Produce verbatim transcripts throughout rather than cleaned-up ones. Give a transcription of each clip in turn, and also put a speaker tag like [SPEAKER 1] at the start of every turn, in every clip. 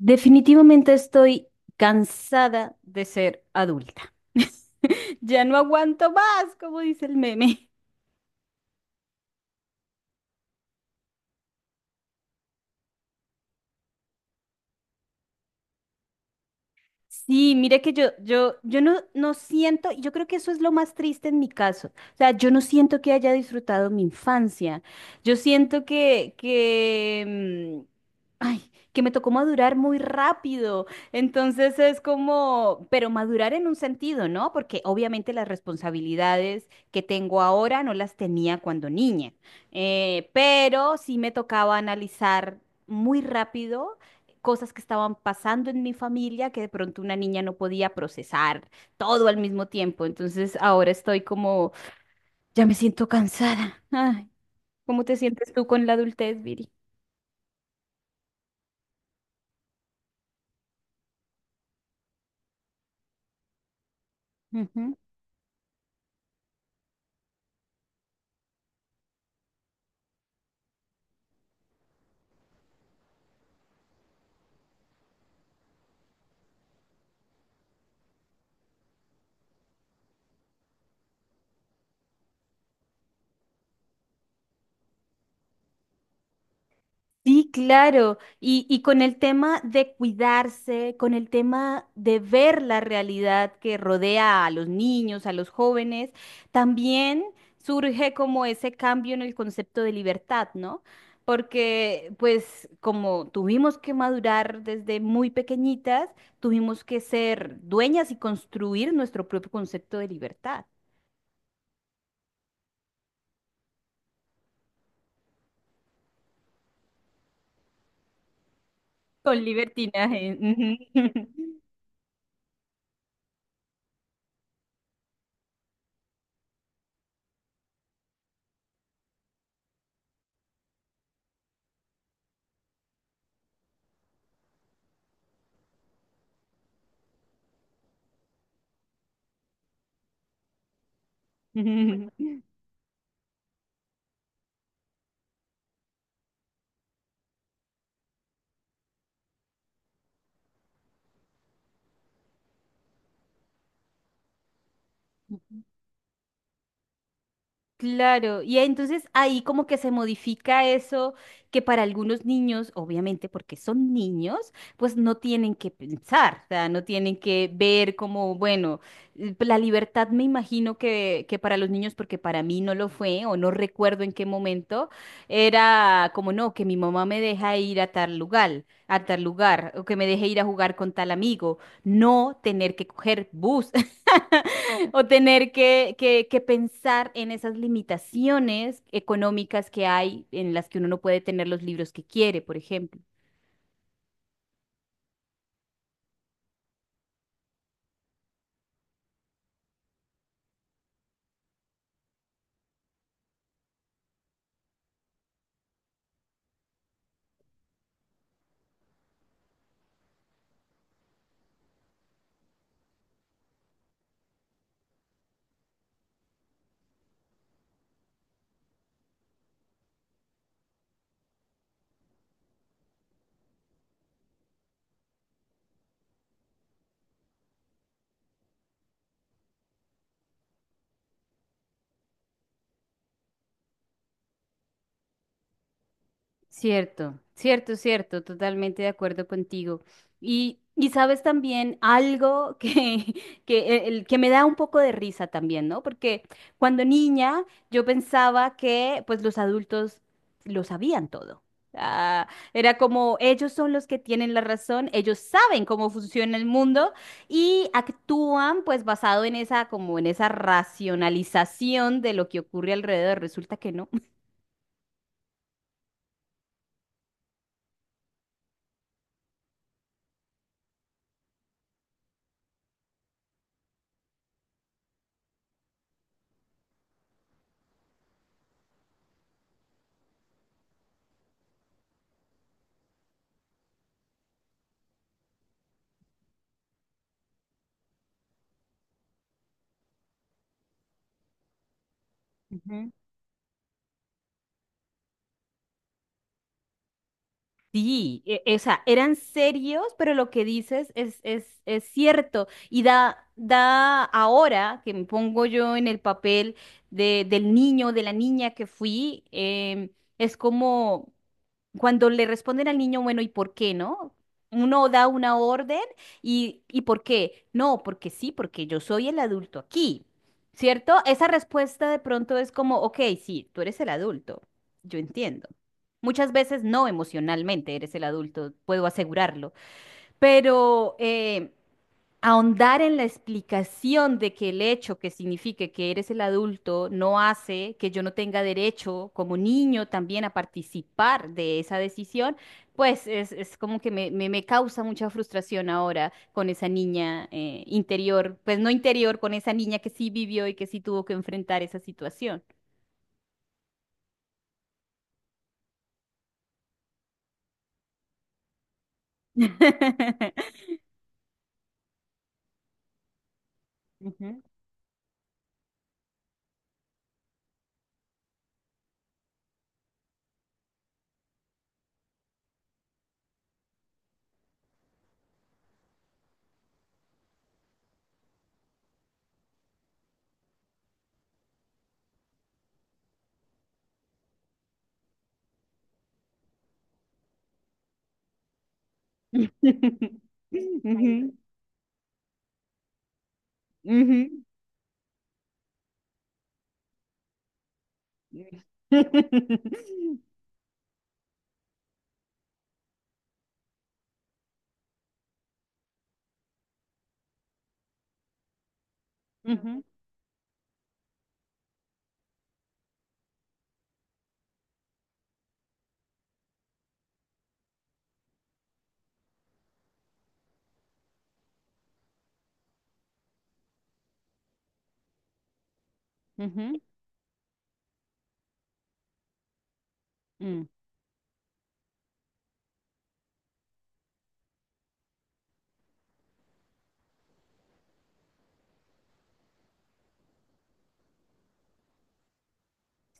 [SPEAKER 1] Definitivamente estoy cansada de ser adulta. Ya no aguanto más, como dice el meme. Sí, mire que yo, yo, yo no, no siento, yo creo que eso es lo más triste en mi caso. O sea, yo no siento que haya disfrutado mi infancia. Yo siento que, que, mm, ay, que me tocó madurar muy rápido. Entonces es como, pero madurar en un sentido, ¿no? Porque obviamente las responsabilidades que tengo ahora no las tenía cuando niña. Eh, pero sí me tocaba analizar muy rápido cosas que estaban pasando en mi familia que de pronto una niña no podía procesar todo al mismo tiempo. Entonces ahora estoy como, ya me siento cansada. Ay, ¿cómo te sientes tú con la adultez, Viri? Ujú. Sí, claro. Y, y con el tema de cuidarse, con el tema de ver la realidad que rodea a los niños, a los jóvenes, también surge como ese cambio en el concepto de libertad, ¿no? Porque pues como tuvimos que madurar desde muy pequeñitas, tuvimos que ser dueñas y construir nuestro propio concepto de libertad. Con libertinaje. Ujú. Ujú. Claro, y entonces ahí como que se modifica eso que para algunos niños, obviamente porque son niños, pues no tienen que pensar, o sea, no tienen que ver como, bueno, l- la libertad me imagino que, que para los niños, porque para mí no lo fue o no recuerdo en qué momento, era como no, que mi mamá me deja ir a tal lugar, a tal lugar, o que me deje ir a jugar con tal amigo, no tener que coger bus. O tener que, que- que pensar en esas limitaciones económicas que hay en las que uno no puede tener los libros que quiere, por ejemplo. Cierto, cierto, cierto, totalmente de acuerdo contigo. Y, y sabes también algo que, que, el, que me da un poco de risa también, ¿no? Porque cuando niña yo pensaba que pues los adultos lo sabían todo. Ah, era como ellos son los que tienen la razón, ellos saben cómo funciona el mundo y actúan pues basado en esa como en esa racionalización de lo que ocurre alrededor. Resulta que no. Sí, e- e- o sea, eran serios, pero lo que dices es, es, es cierto. Y da, da ahora que me pongo yo en el papel de, del niño, de la niña que fui, em, es como cuando le responden al niño, bueno, ¿y por qué no? Uno da una orden y, ¿y por qué? No, porque sí, porque yo soy el adulto aquí, ¿cierto? Esa respuesta de pronto es como, ok, sí, tú eres el adulto, yo entiendo. Muchas veces no emocionalmente eres el adulto, puedo asegurarlo, pero eh, ahondar en la explicación de que el hecho que signifique que eres el adulto no hace que yo no tenga derecho como niño también a participar de esa decisión, pues es, es como que me, me- me causa mucha frustración ahora con esa niña eh, interior, pues no interior, con esa niña que sí vivió y que sí tuvo que enfrentar esa situación. Ujú. Ujú, ujú, ujú, ujú, mm,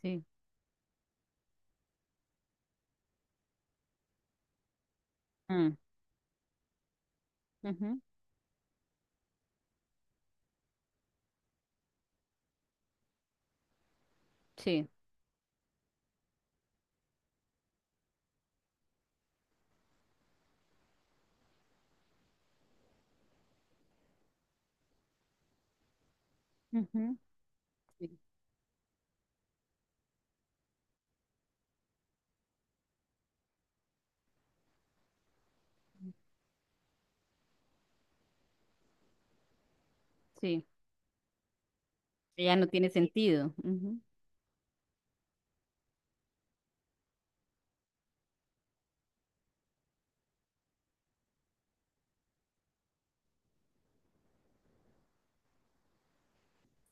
[SPEAKER 1] sí. Mm, ujú, sí. Ujú, sí. Sí, ya no tiene sentido. Ujú.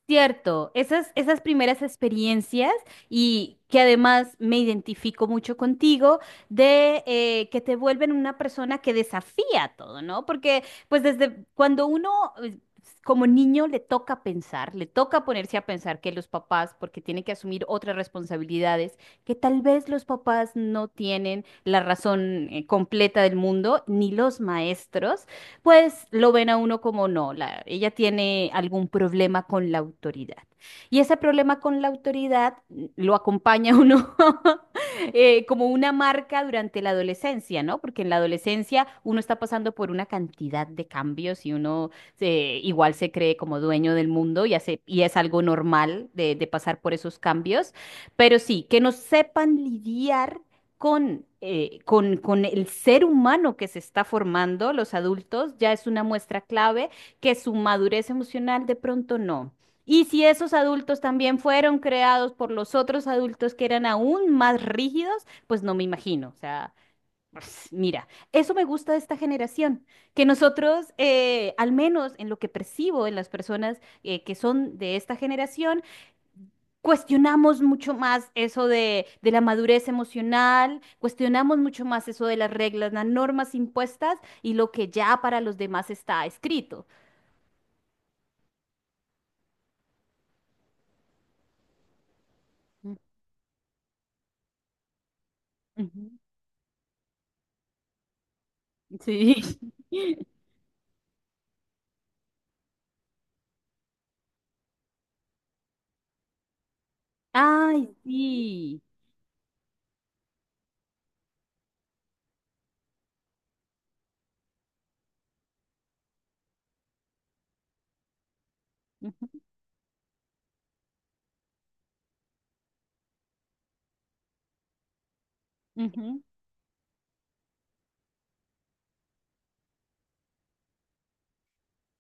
[SPEAKER 1] Cierto, esas, esas primeras experiencias y que además me identifico mucho contigo de eh, que te vuelven una persona que desafía todo, ¿no? Porque pues desde cuando uno eh, como niño le toca pensar, le toca ponerse a pensar que los papás, porque tiene que asumir otras responsabilidades, que tal vez los papás no tienen la razón eh, completa del mundo, ni los maestros pues lo ven a uno como no, la- ella tiene algún problema con la autoridad. Y ese problema con la autoridad mm, lo acompaña a uno eh, como una marca durante la adolescencia, ¿no? Porque en la adolescencia uno está pasando por una cantidad de cambios y uno se- igual se cree como dueño del mundo y, hace, y es algo normal de, de pasar por esos cambios. Pero sí, que no sepan lidiar con, eh, con, con el ser humano que se está formando, los adultos, ya es una muestra clave que su madurez emocional de pronto no. Y si esos adultos también fueron creados por los otros adultos que eran aún más rígidos, pues no me imagino. O sea, pues, mira, eso me gusta de esta generación, que nosotros, eh, al menos en lo que percibo en las personas eh, que son de esta generación, cuestionamos mucho más eso de, de la madurez emocional, cuestionamos mucho más eso de las reglas, las normas impuestas y lo que ya para los demás está escrito. Mm. Ujú. Sí. Ay, sí. Ujú, ujú.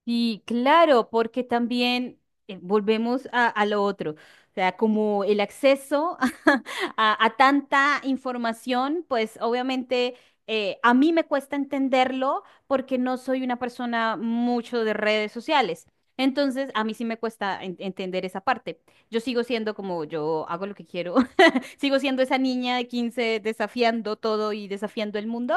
[SPEAKER 1] Sí, claro, porque también eh, volvemos a, a lo otro, o sea, como el acceso a, a tanta información, pues obviamente eh, a mí me cuesta entenderlo porque no soy una persona mucho de redes sociales. Entonces, a mí sí me cuesta en- entender esa parte. Yo sigo siendo como yo hago lo que quiero, sigo siendo esa niña de quince desafiando todo y desafiando el mundo,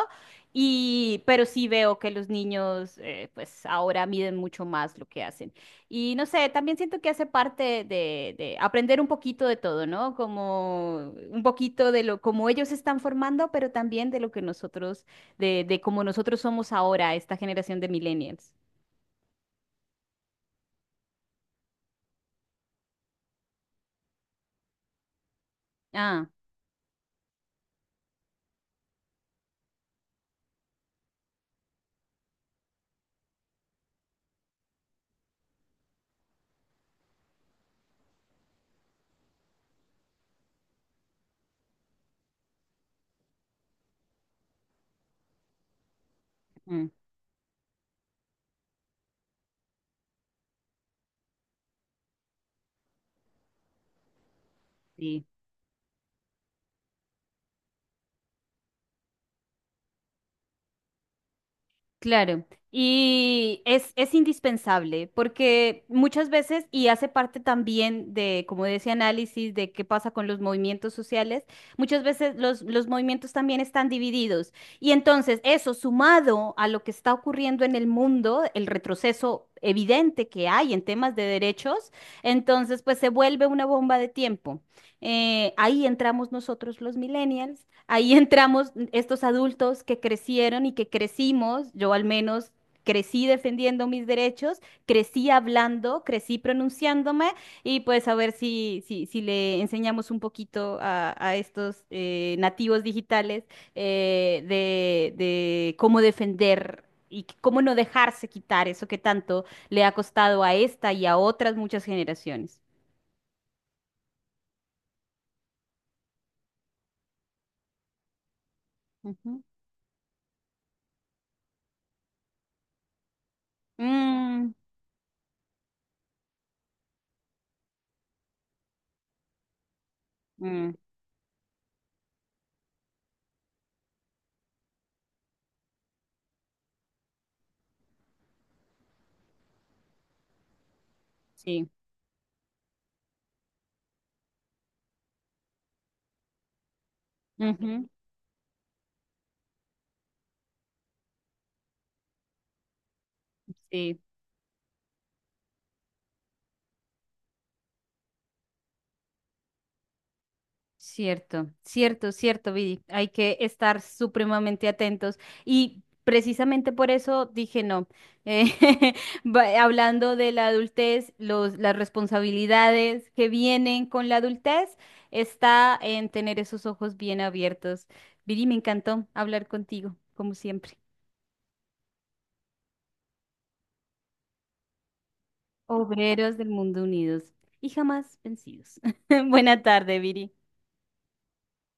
[SPEAKER 1] y, pero sí veo que los niños, eh, pues ahora miden mucho más lo que hacen. Y no sé, también siento que hace parte de, de aprender un poquito de todo, ¿no? Como un poquito de lo, como ellos se están formando, pero también de lo que nosotros, de, de cómo nosotros somos ahora, esta generación de millennials. Ah, mm, sí. Claro, y es, es indispensable porque muchas veces, y hace parte también de, como de ese análisis de qué pasa con los movimientos sociales, muchas veces los, los movimientos también están divididos. Y entonces eso, sumado a lo que está ocurriendo en el mundo, el retroceso evidente que hay en temas de derechos, entonces pues se vuelve una bomba de tiempo. Eh, ahí entramos nosotros los millennials. Ahí entramos estos adultos que crecieron y que crecimos, yo al menos crecí defendiendo mis derechos, crecí hablando, crecí pronunciándome y pues a ver si, si, si le enseñamos un poquito a, a estos eh, nativos digitales eh, de, de cómo defender. Y cómo no dejarse quitar eso que tanto le ha costado a esta y a otras muchas generaciones. Ujú. Mm, mm, sí. Ujú, sí. Cierto, cierto, cierto, Vidi. Hay que estar supremamente atentos. Y precisamente por eso dije no. Eh, va- hablando de la adultez, los, las responsabilidades que vienen con la adultez, está en tener esos ojos bien abiertos. Vidi, me encantó hablar contigo, como siempre. Obreros del mundo unidos y jamás vencidos. Buena tarde, Viri.